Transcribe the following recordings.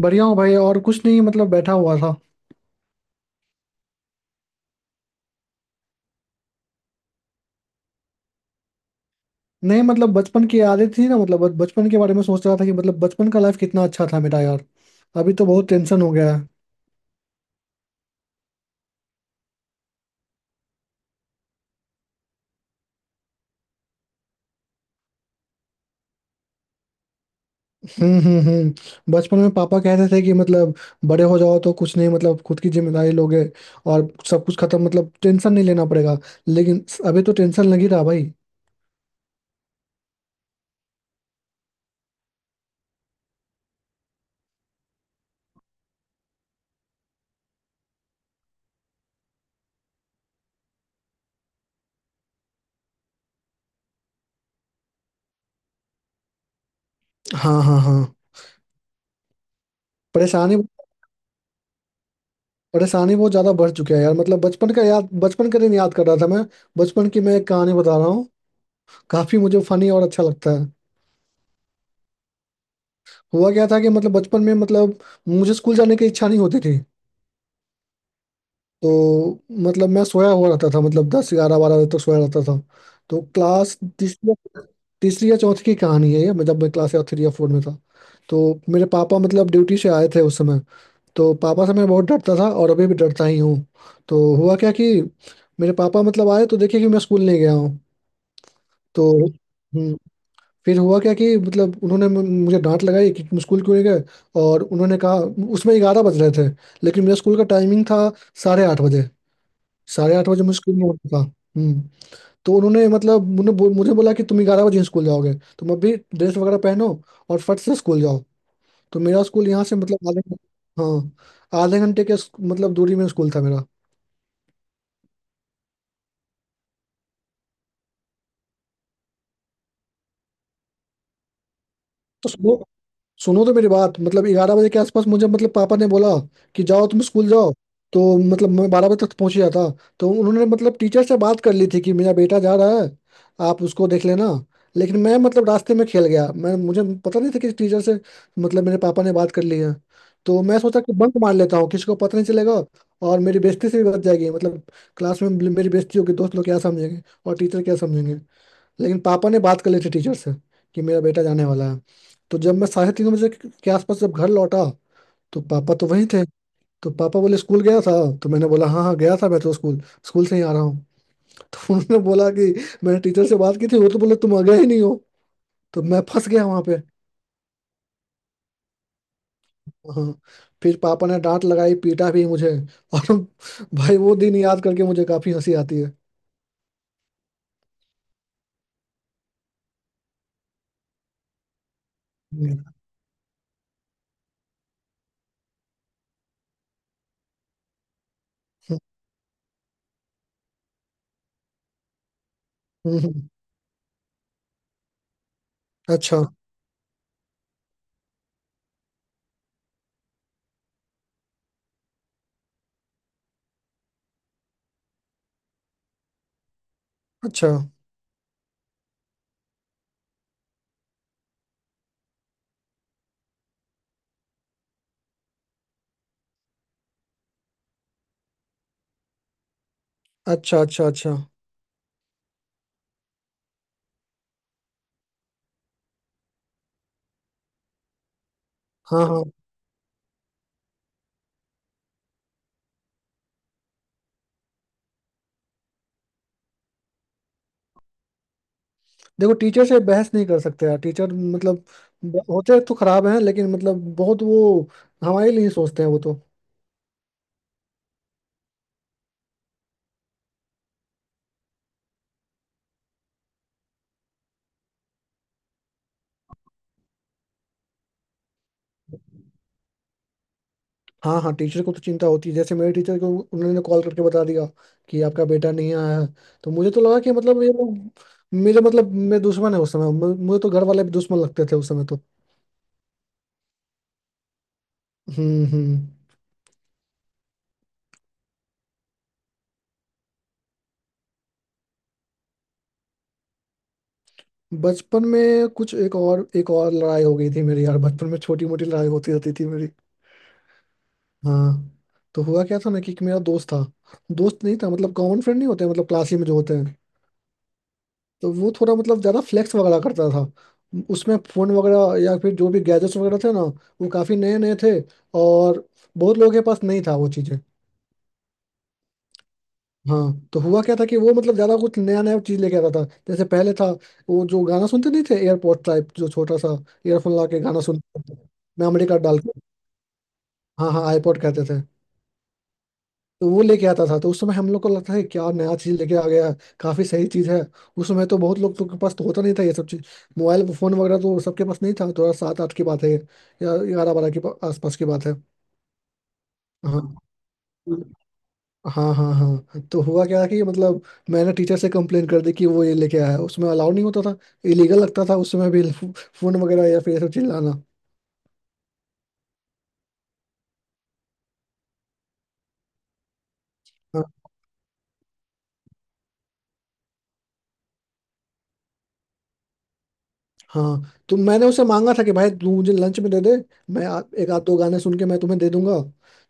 बढ़िया हूँ भाई। और कुछ नहीं, मतलब बैठा हुआ था। नहीं मतलब, बचपन की यादें थी ना। मतलब बचपन के बारे में सोच रहा था कि मतलब बचपन का लाइफ कितना अच्छा था मेरा यार। अभी तो बहुत टेंशन हो गया है। हम्म, हम्म, हम्म, बचपन में पापा कहते थे कि मतलब बड़े हो जाओ तो कुछ नहीं, मतलब खुद की जिम्मेदारी लोगे और सब कुछ खत्म। मतलब टेंशन नहीं लेना पड़ेगा। लेकिन अभी तो टेंशन लग ही रहा भाई। हाँ हाँ हाँ। परेशानी। परेशानी बहुत ज्यादा बढ़ चुकी है यार। मतलब बचपन का याद, बचपन का दिन याद कर रहा था मैं। बचपन की मैं एक कहानी बता रहा हूँ। काफी मुझे फनी और अच्छा लगता है। हुआ क्या था कि मतलब बचपन में मतलब मुझे स्कूल जाने की इच्छा नहीं होती थी। तो मतलब मैं सोया हुआ रहता था, मतलब 10, 11, 12 बजे तक सोया रहता था। तो क्लास तीसरी, तीसरी या चौथी की कहानी है ये। मैं जब मैं क्लास या थ्री या फोर में था, तो मेरे पापा मतलब ड्यूटी से आए थे उस समय। तो पापा से मैं बहुत डरता था और अभी भी डरता ही हूँ। तो हुआ क्या कि मेरे पापा मतलब आए तो देखे कि मैं स्कूल नहीं गया हूँ। तो हम्म, फिर हुआ क्या कि मतलब उन्होंने मुझे डांट लगाई कि तुम स्कूल क्यों नहीं गए। और उन्होंने कहा, उसमें 11 बज रहे थे, लेकिन मेरा स्कूल का टाइमिंग था 8:30 बजे। 8:30 बजे मुझे स्कूल में होना था। हम्म, तो उन्होंने मतलब मुझे मुझे बोला कि तुम 11 बजे ही स्कूल जाओगे। तुम अभी ड्रेस वगैरह पहनो और फट से स्कूल जाओ। तो मेरा स्कूल यहाँ से मतलब आधे, हाँ आधे घंटे के मतलब दूरी में स्कूल था मेरा। तो सुबह, सुनो तो मेरी बात, मतलब 11 बजे के आसपास मुझे मतलब पापा ने बोला कि जाओ तुम स्कूल जाओ। तो मतलब मैं 12 बजे तक तो पहुंच ही जाता। तो उन्होंने मतलब टीचर से बात कर ली थी कि मेरा बेटा जा रहा है, आप उसको देख लेना। लेकिन मैं मतलब रास्ते में खेल गया। मैं, मुझे पता नहीं था कि टीचर से मतलब मेरे पापा ने बात कर ली है। तो मैं सोचा कि बंक मार लेता हूँ, किसी को पता नहीं चलेगा और मेरी बेइज्जती से भी बच जाएगी। मतलब क्लास में मेरी बेइज्जती होगी, दोस्त लोग क्या समझेंगे और टीचर क्या समझेंगे। लेकिन पापा ने बात कर ली थी टीचर से कि मेरा बेटा जाने वाला है। तो जब मैं 3:30 बजे के आसपास जब घर लौटा, तो पापा तो वहीं थे। तो पापा बोले स्कूल गया था? तो मैंने बोला हाँ हाँ गया था मैं तो स्कूल स्कूल से ही आ रहा हूँ। तो उन्होंने बोला कि मैंने टीचर से बात की थी, वो तो बोले तुम आ गए ही नहीं हो। तो मैं फंस गया वहाँ पे। हाँ, फिर पापा ने डांट लगाई, पीटा भी मुझे और भाई वो दिन याद करके मुझे काफी हंसी आती है। हम्म, हम्म, हम्म, अच्छा अच्छा अच्छा। अच्छा अच्छा। हाँ हाँ। देखो टीचर से बहस नहीं कर सकते यार। टीचर मतलब होते तो खराब हैं, लेकिन मतलब बहुत वो हमारे लिए ही सोचते हैं वो तो। हाँ हाँ, टीचर को तो चिंता होती है। जैसे मेरे टीचर को, उन्होंने कॉल करके बता दिया कि आपका बेटा नहीं आया है। तो मुझे तो लगा कि मतलब ये लोग मेरे, मतलब मेरे दुश्मन है उस समय। मुझे तो घर वाले भी दुश्मन लगते थे उस समय तो। हम्म। बचपन में कुछ एक और लड़ाई हो गई थी मेरी यार। बचपन में छोटी मोटी लड़ाई होती रहती थी मेरी। हाँ। तो हुआ क्या था ना कि एक मेरा दोस्त था। दोस्त नहीं था मतलब, कॉमन फ्रेंड नहीं होते, मतलब क्लास ही में जो होते हैं। तो वो थोड़ा मतलब ज्यादा फ्लेक्स वगैरह करता था। उसमें फोन वगैरह या फिर जो भी गैजेट्स वगैरह थे ना वो काफी नए नए थे। और बहुत लोगों के पास नहीं था वो चीजें। हाँ। तो हुआ क्या था कि वो मतलब ज्यादा कुछ नया नया चीज लेके आता था। जैसे पहले था वो जो गाना सुनते नहीं थे, एयरपोर्ट टाइप जो छोटा सा ईयरफोन ला के गाना सुनते थे, मेमोरी कार्ड डाल के। हाँ हाँ, आईपॉड कहते थे। तो वो लेके आता था। तो उस समय हम लोग को लगता है क्या नया चीज लेके आ गया है, काफी सही चीज है। उस समय तो बहुत लोग तो के पास तो होता नहीं था ये सब चीज। मोबाइल फोन वगैरह तो सबके पास नहीं था। थोड़ा 7-8 की बात है या 11-12 के आसपास की बात है। हाँ हाँ हाँ हाँ। तो हुआ क्या कि मतलब मैंने टीचर से कंप्लेन कर दी कि वो ये लेके आया है। उसमें अलाउड नहीं होता था। इलीगल लगता था उस समय भी, फोन वगैरह या फिर ये सब चीज लाना। हाँ। तो मैंने उसे मांगा था कि भाई तू मुझे लंच में दे दे, मैं एक आध दो गाने सुन के मैं तुम्हें दे दूंगा।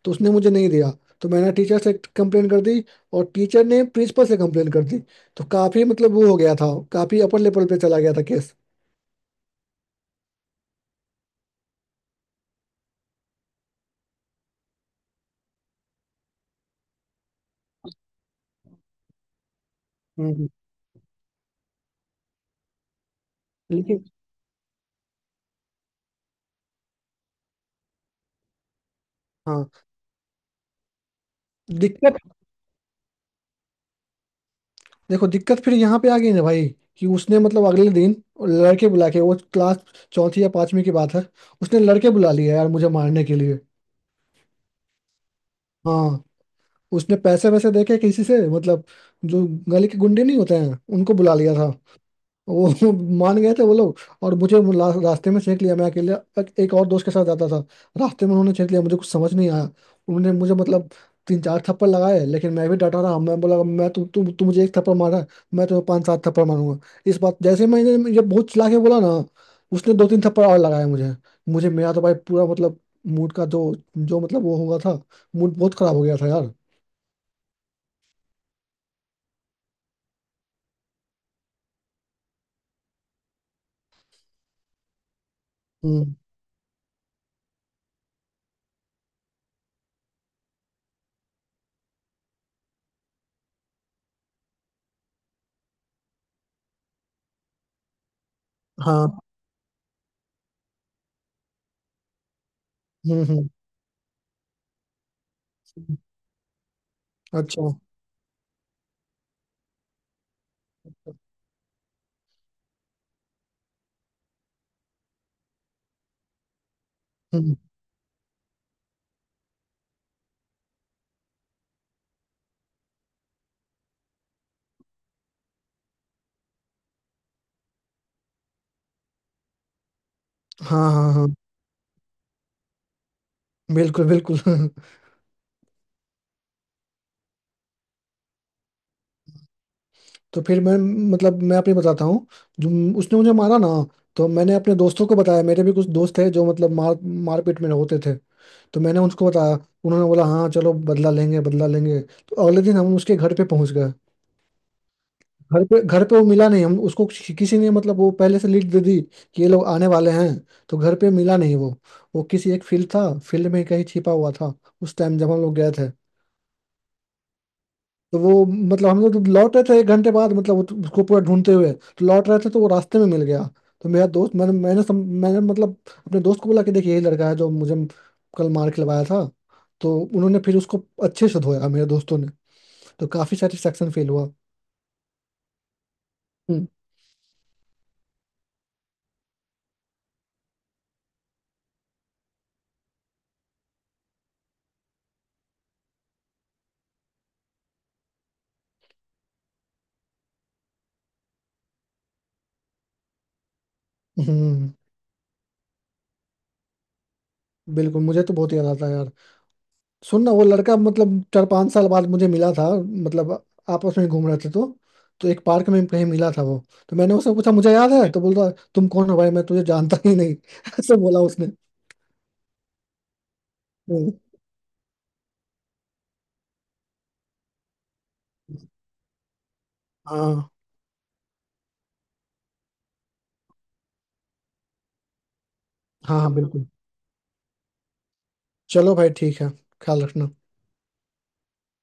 तो उसने मुझे नहीं दिया। तो मैंने टीचर से कंप्लेन कर दी और टीचर ने प्रिंसिपल से कंप्लेन कर दी। तो काफी मतलब वो हो गया था, काफी अपर लेवल पे चला गया था केस। हम्म। लेकिन हाँ। दिक्कत, देखो दिक्कत फिर यहाँ पे आ गई ना भाई कि उसने मतलब अगले दिन लड़के बुला के, वो क्लास चौथी या पांचवी की बात है, उसने लड़के बुला लिया यार मुझे मारने के लिए। हाँ। उसने पैसे वैसे देके किसी से मतलब जो गली के गुंडे नहीं होते हैं उनको बुला लिया था। वो मान गए थे वो लोग और मुझे रास्ते में छेक लिया। मैं अकेले, एक एक और दोस्त के साथ जाता था। रास्ते में उन्होंने छेक लिया, मुझे कुछ समझ नहीं आया। उन्होंने मुझे मतलब तीन चार थप्पड़ लगाए, लेकिन मैं भी डटा रहा। मैं बोला मैं, तू तू तू मुझे एक थप्पड़ मारा है, मैं तुम्हें पांच सात थप्पड़ मारूंगा। इस बात जैसे मैंने ये बहुत चिल्ला के बोला ना, उसने दो तीन थप्पड़ और लगाए मुझे। मुझे मेरा तो भाई पूरा मतलब मूड का जो, जो मतलब वो हुआ था, मूड बहुत खराब हो गया था यार। हम्म। हाँ। हम्म। अच्छा। हम्म। हाँ हाँ हाँ। बिल्कुल बिल्कुल। तो फिर मैं, मतलब मैं अपनी बताता हूँ। जो उसने मुझे मारा ना, तो मैंने अपने दोस्तों को बताया। मेरे भी कुछ दोस्त थे जो मतलब मार, मारपीट में होते थे। तो मैंने उनको बताया, उन्होंने बोला हाँ चलो बदला लेंगे बदला लेंगे। तो अगले दिन हम उसके घर पे पहुंच गए। घर पे, घर पे वो मिला नहीं। हम उसको, किसी ने मतलब वो पहले से लीड दे दी कि ये लोग आने वाले हैं। तो घर पे मिला नहीं वो। वो किसी एक फील्ड था, फील्ड में कहीं छिपा हुआ था उस टाइम, जब हम लोग गए थे। तो वो मतलब हम लोग लौट रहे थे 1 घंटे बाद, मतलब वो उसको पूरा ढूंढते हुए तो लौट रहे थे। तो वो रास्ते में मिल गया। तो मेरा दोस्त, मैंने मैंने सम, मैंने मतलब अपने दोस्त को बोला कि देखिए यही लड़का है जो मुझे कल मार के लवाया था। तो उन्होंने फिर उसको अच्छे से धोया मेरे दोस्तों ने। तो काफी सेटिस्फेक्शन फील हुआ। हम्म। हम्म। बिल्कुल मुझे तो बहुत याद आता है यार। सुन ना, वो लड़का मतलब 4-5 साल बाद मुझे मिला था। मतलब आपस में घूम रहे थे तो एक पार्क में कहीं मिला था वो। तो मैंने उससे पूछा मुझे याद है तो, बोल रहा तुम कौन हो भाई, मैं तुझे जानता ही नहीं। ऐसे बोला उसने। हम्म, हाँ हाँ हाँ। बिल्कुल, चलो भाई ठीक है। ख्याल रखना।